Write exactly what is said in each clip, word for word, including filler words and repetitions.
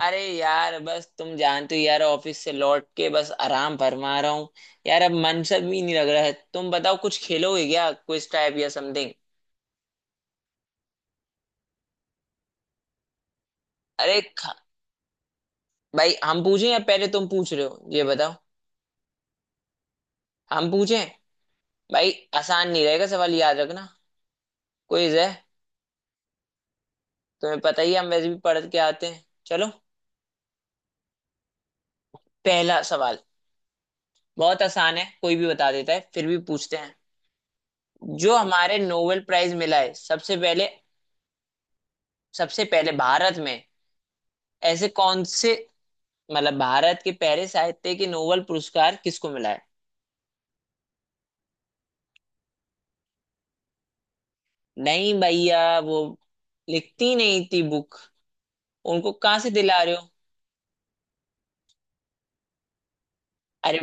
अरे यार, बस तुम जानते हो यार, ऑफिस से लौट के बस आराम फरमा रहा हूँ। यार अब मन सा भी नहीं लग रहा है। तुम बताओ, कुछ खेलोगे क्या, क्विज टाइप या समथिंग। अरे ख- भाई, हम पूछें या पहले तुम पूछ रहे हो, ये बताओ। हम पूछें। भाई, आसान नहीं रहेगा सवाल, याद रखना। क्विज है। तुम्हें पता ही है, हम वैसे भी पढ़ के आते हैं। चलो, पहला सवाल। बहुत आसान है, कोई भी बता देता है, फिर भी पूछते हैं। जो हमारे नोबेल प्राइज मिला है सबसे पहले, सबसे पहले भारत में, ऐसे कौन से, मतलब भारत के पहले साहित्य के नोबेल पुरस्कार किसको मिला है। नहीं भैया, वो लिखती नहीं थी बुक, उनको कहाँ से दिला रहे हो। अरे,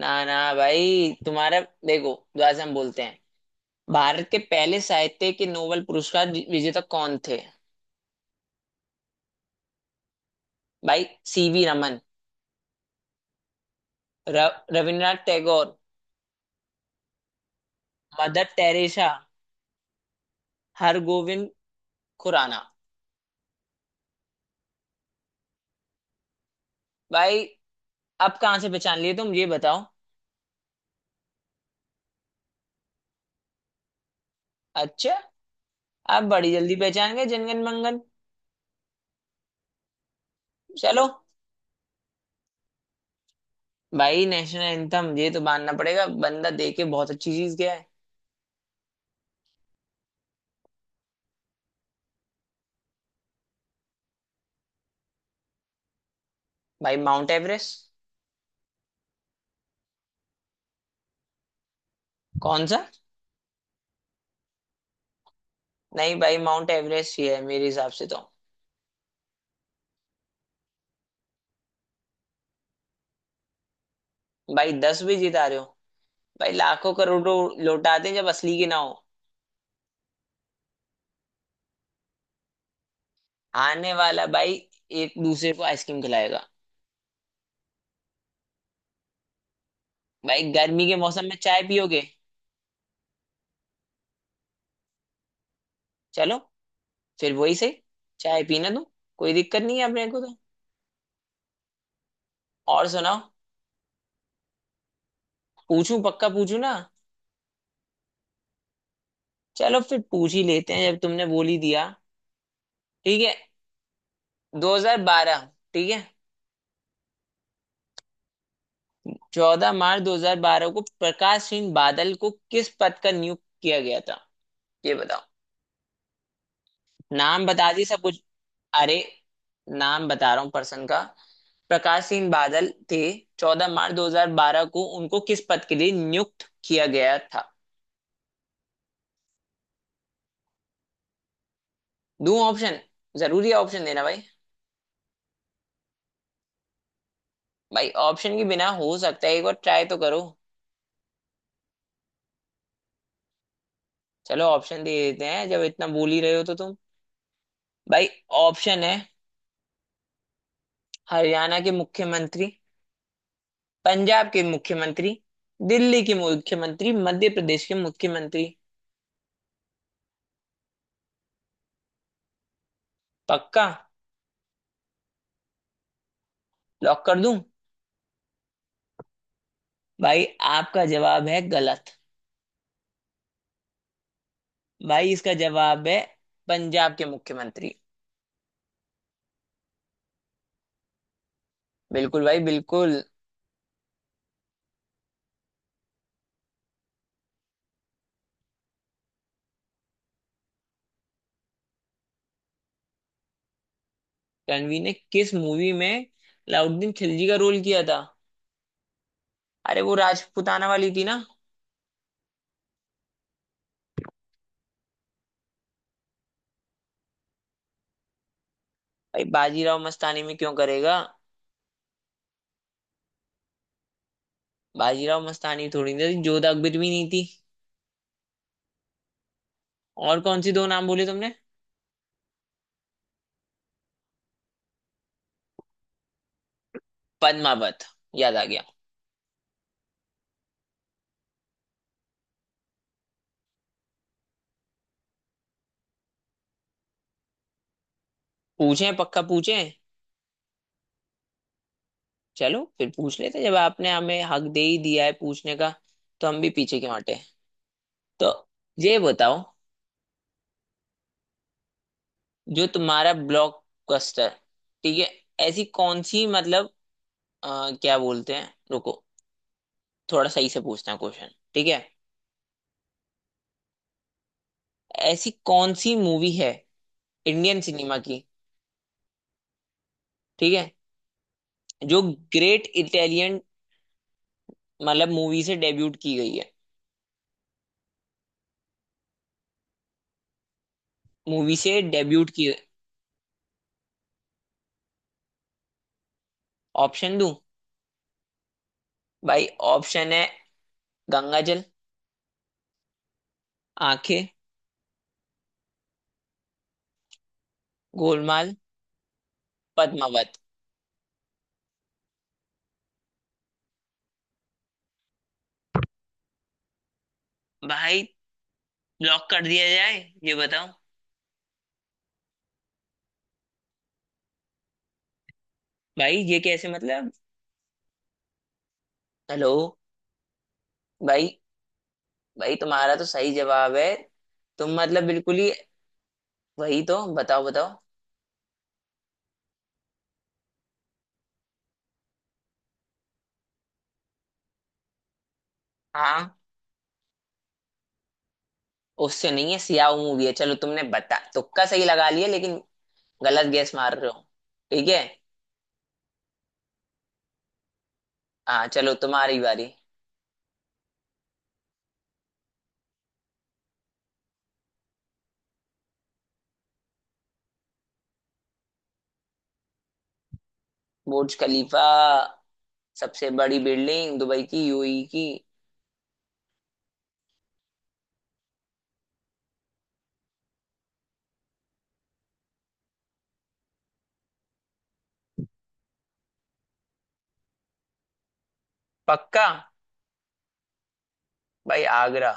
ना ना भाई, तुम्हारा, देखो जैसे हम बोलते हैं, भारत के पहले साहित्य के नोबेल पुरस्कार वि- विजेता कौन थे। भाई, सीवी रमन, र, रविन्द्रनाथ टैगोर, मदर टेरेसा, हरगोविंद खुराना। भाई अब कहाँ से पहचान लिए तुम, ये बताओ। अच्छा, अब बड़ी जल्दी पहचान गए जनगण मंगन। चलो भाई, नेशनल एंथम, ये तो मानना पड़ेगा, बंदा देके बहुत अच्छी चीज गया है। भाई, माउंट एवरेस्ट। कौन सा। नहीं भाई, माउंट एवरेस्ट ही है मेरे हिसाब से तो। भाई, दस भी जिता रहे हो। भाई, लाखों करोड़ों लौटाते हैं जब असली की ना हो। आने वाला भाई, एक दूसरे को आइसक्रीम खिलाएगा। भाई गर्मी के मौसम में चाय पियोगे। चलो, फिर वही सही। चाय पीना तो कोई दिक्कत नहीं है अपने को तो। और सुनाओ। पूछूं, पक्का पूछूं ना। चलो फिर पूछ ही लेते हैं, जब तुमने बोल ही दिया। ठीक है, दो हज़ार बारह, ठीक है। चौदह मार्च दो हज़ार बारह को प्रकाश सिंह बादल को किस पद का नियुक्त किया गया था, ये बताओ। नाम बता दी सब कुछ। अरे, नाम बता रहा हूँ पर्सन का, प्रकाश सिंह बादल थे। चौदह मार्च दो हज़ार बारह को उनको किस पद के लिए नियुक्त किया गया था। दूं ऑप्शन, जरूरी है ऑप्शन देना भाई। भाई ऑप्शन के बिना हो सकता है, एक बार ट्राई तो करो। चलो ऑप्शन दे देते हैं, जब इतना बोल ही रहे हो तो तुम। भाई ऑप्शन है: हरियाणा के मुख्यमंत्री, पंजाब के मुख्यमंत्री, दिल्ली के मुख्यमंत्री, मध्य प्रदेश के मुख्यमंत्री। पक्का, लॉक कर दूं। भाई आपका जवाब है गलत। भाई इसका जवाब है पंजाब के मुख्यमंत्री। बिल्कुल भाई, बिल्कुल। रणवीर ने किस मूवी में अलाउद्दीन खिलजी का रोल किया था। अरे वो राजपूताना वाली थी ना। भाई बाजीराव मस्तानी में क्यों करेगा। बाजीराव मस्तानी थोड़ी ना थी, जोधा अकबर भी नहीं थी। और कौन सी, दो नाम बोले तुमने। पद्मावत, याद आ गया। पूछें, पक्का पूछें। चलो फिर पूछ लेते हैं, जब आपने हमें हक दे ही दिया है पूछने का, तो हम भी पीछे क्यों हटे। तो ये बताओ, जो तुम्हारा ब्लॉकबस्टर, ठीक है, ऐसी कौन सी मतलब, अ, क्या बोलते हैं, रुको, थोड़ा सही से पूछना क्वेश्चन, ठीक है। ऐसी कौन सी मूवी है इंडियन सिनेमा की, ठीक है, जो ग्रेट इटालियन, मतलब मूवी से डेब्यूट की गई है, मूवी से डेब्यूट की। ऑप्शन दूं। भाई ऑप्शन है: गंगाजल, आंखें, गोलमाल, पद्मावत। भाई ब्लॉक कर दिया जाए, ये बताओ। भाई ये कैसे, मतलब, हेलो। भाई, भाई तुम्हारा तो सही जवाब है। तुम मतलब बिल्कुल ही। वही तो बताओ, बताओ। हाँ। उससे नहीं है, सियाह मूवी है। चलो तुमने बता, तुक्का सही लगा लिया लेकिन, गलत गैस मार रहे हो। ठीक है। हाँ चलो, तुम्हारी बारी। बुर्ज खलीफा, सबसे बड़ी बिल्डिंग दुबई की, यूएई की। पक्का। भाई आगरा।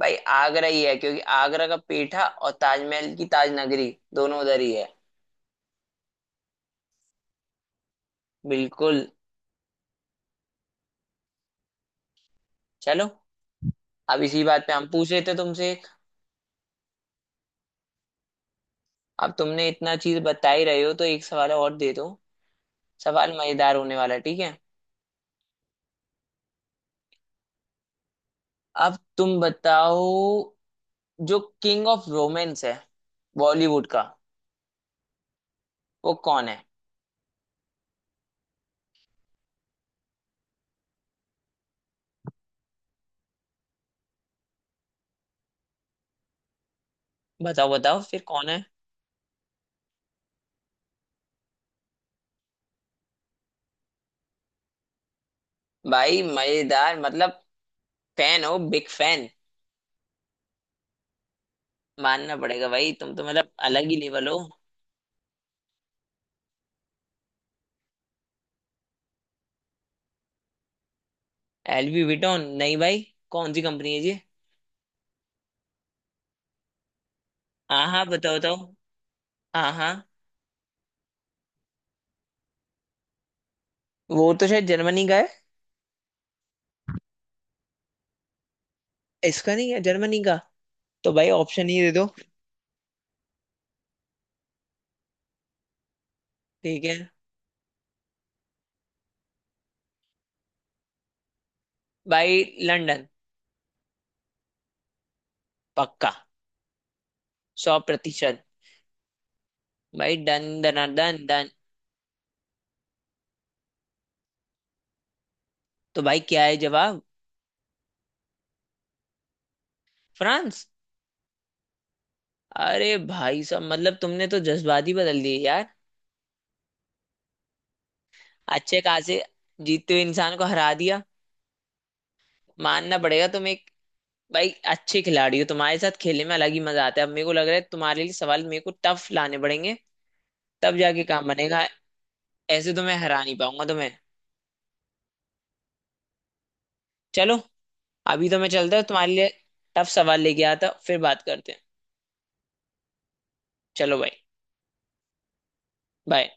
भाई आगरा ही है, क्योंकि आगरा का पेठा और ताजमहल की ताज नगरी दोनों उधर ही है। बिल्कुल। चलो, अब इसी बात पे हम पूछ रहे थे तुमसे एक। अब तुमने इतना चीज बता ही रहे हो, तो एक सवाल और दे दो। सवाल मजेदार होने वाला है, ठीक है। अब तुम बताओ, जो किंग ऑफ रोमांस है बॉलीवुड का, वो कौन है। बताओ बताओ, फिर कौन है। भाई मजेदार, मतलब फैन हो, बिग फैन। मानना पड़ेगा भाई, तुम तो मतलब अलग ही लेवल हो। एलवी विटोन नहीं भाई, कौन सी कंपनी है जी। हाँ हाँ, बताओ बताओ। हाँ हाँ। वो तो शायद जर्मनी का है। इसका नहीं है जर्मनी का, तो भाई ऑप्शन ही दे दो। ठीक है। भाई लंदन। पक्का, सौ प्रतिशत। भाई डन डन डन डन। तो भाई क्या है जवाब। फ्रांस। अरे भाई साहब, मतलब तुमने तो जज्बात ही बदल दिए यार। अच्छे खासे जीतते हुए इंसान को हरा दिया। मानना पड़ेगा, तुम एक, भाई अच्छे खिलाड़ी हो, तुम्हारे साथ खेलने में अलग ही मजा आता है। अब मेरे को लग रहा है तुम्हारे लिए सवाल मेरे को टफ लाने पड़ेंगे, तब जाके काम बनेगा। ऐसे तो मैं हरा नहीं पाऊंगा तुम्हें। चलो, अभी तो मैं चलता हूँ। तुम्हारे लिए टफ सवाल लेके आता हूँ, फिर बात करते हैं। चलो भाई, बाय।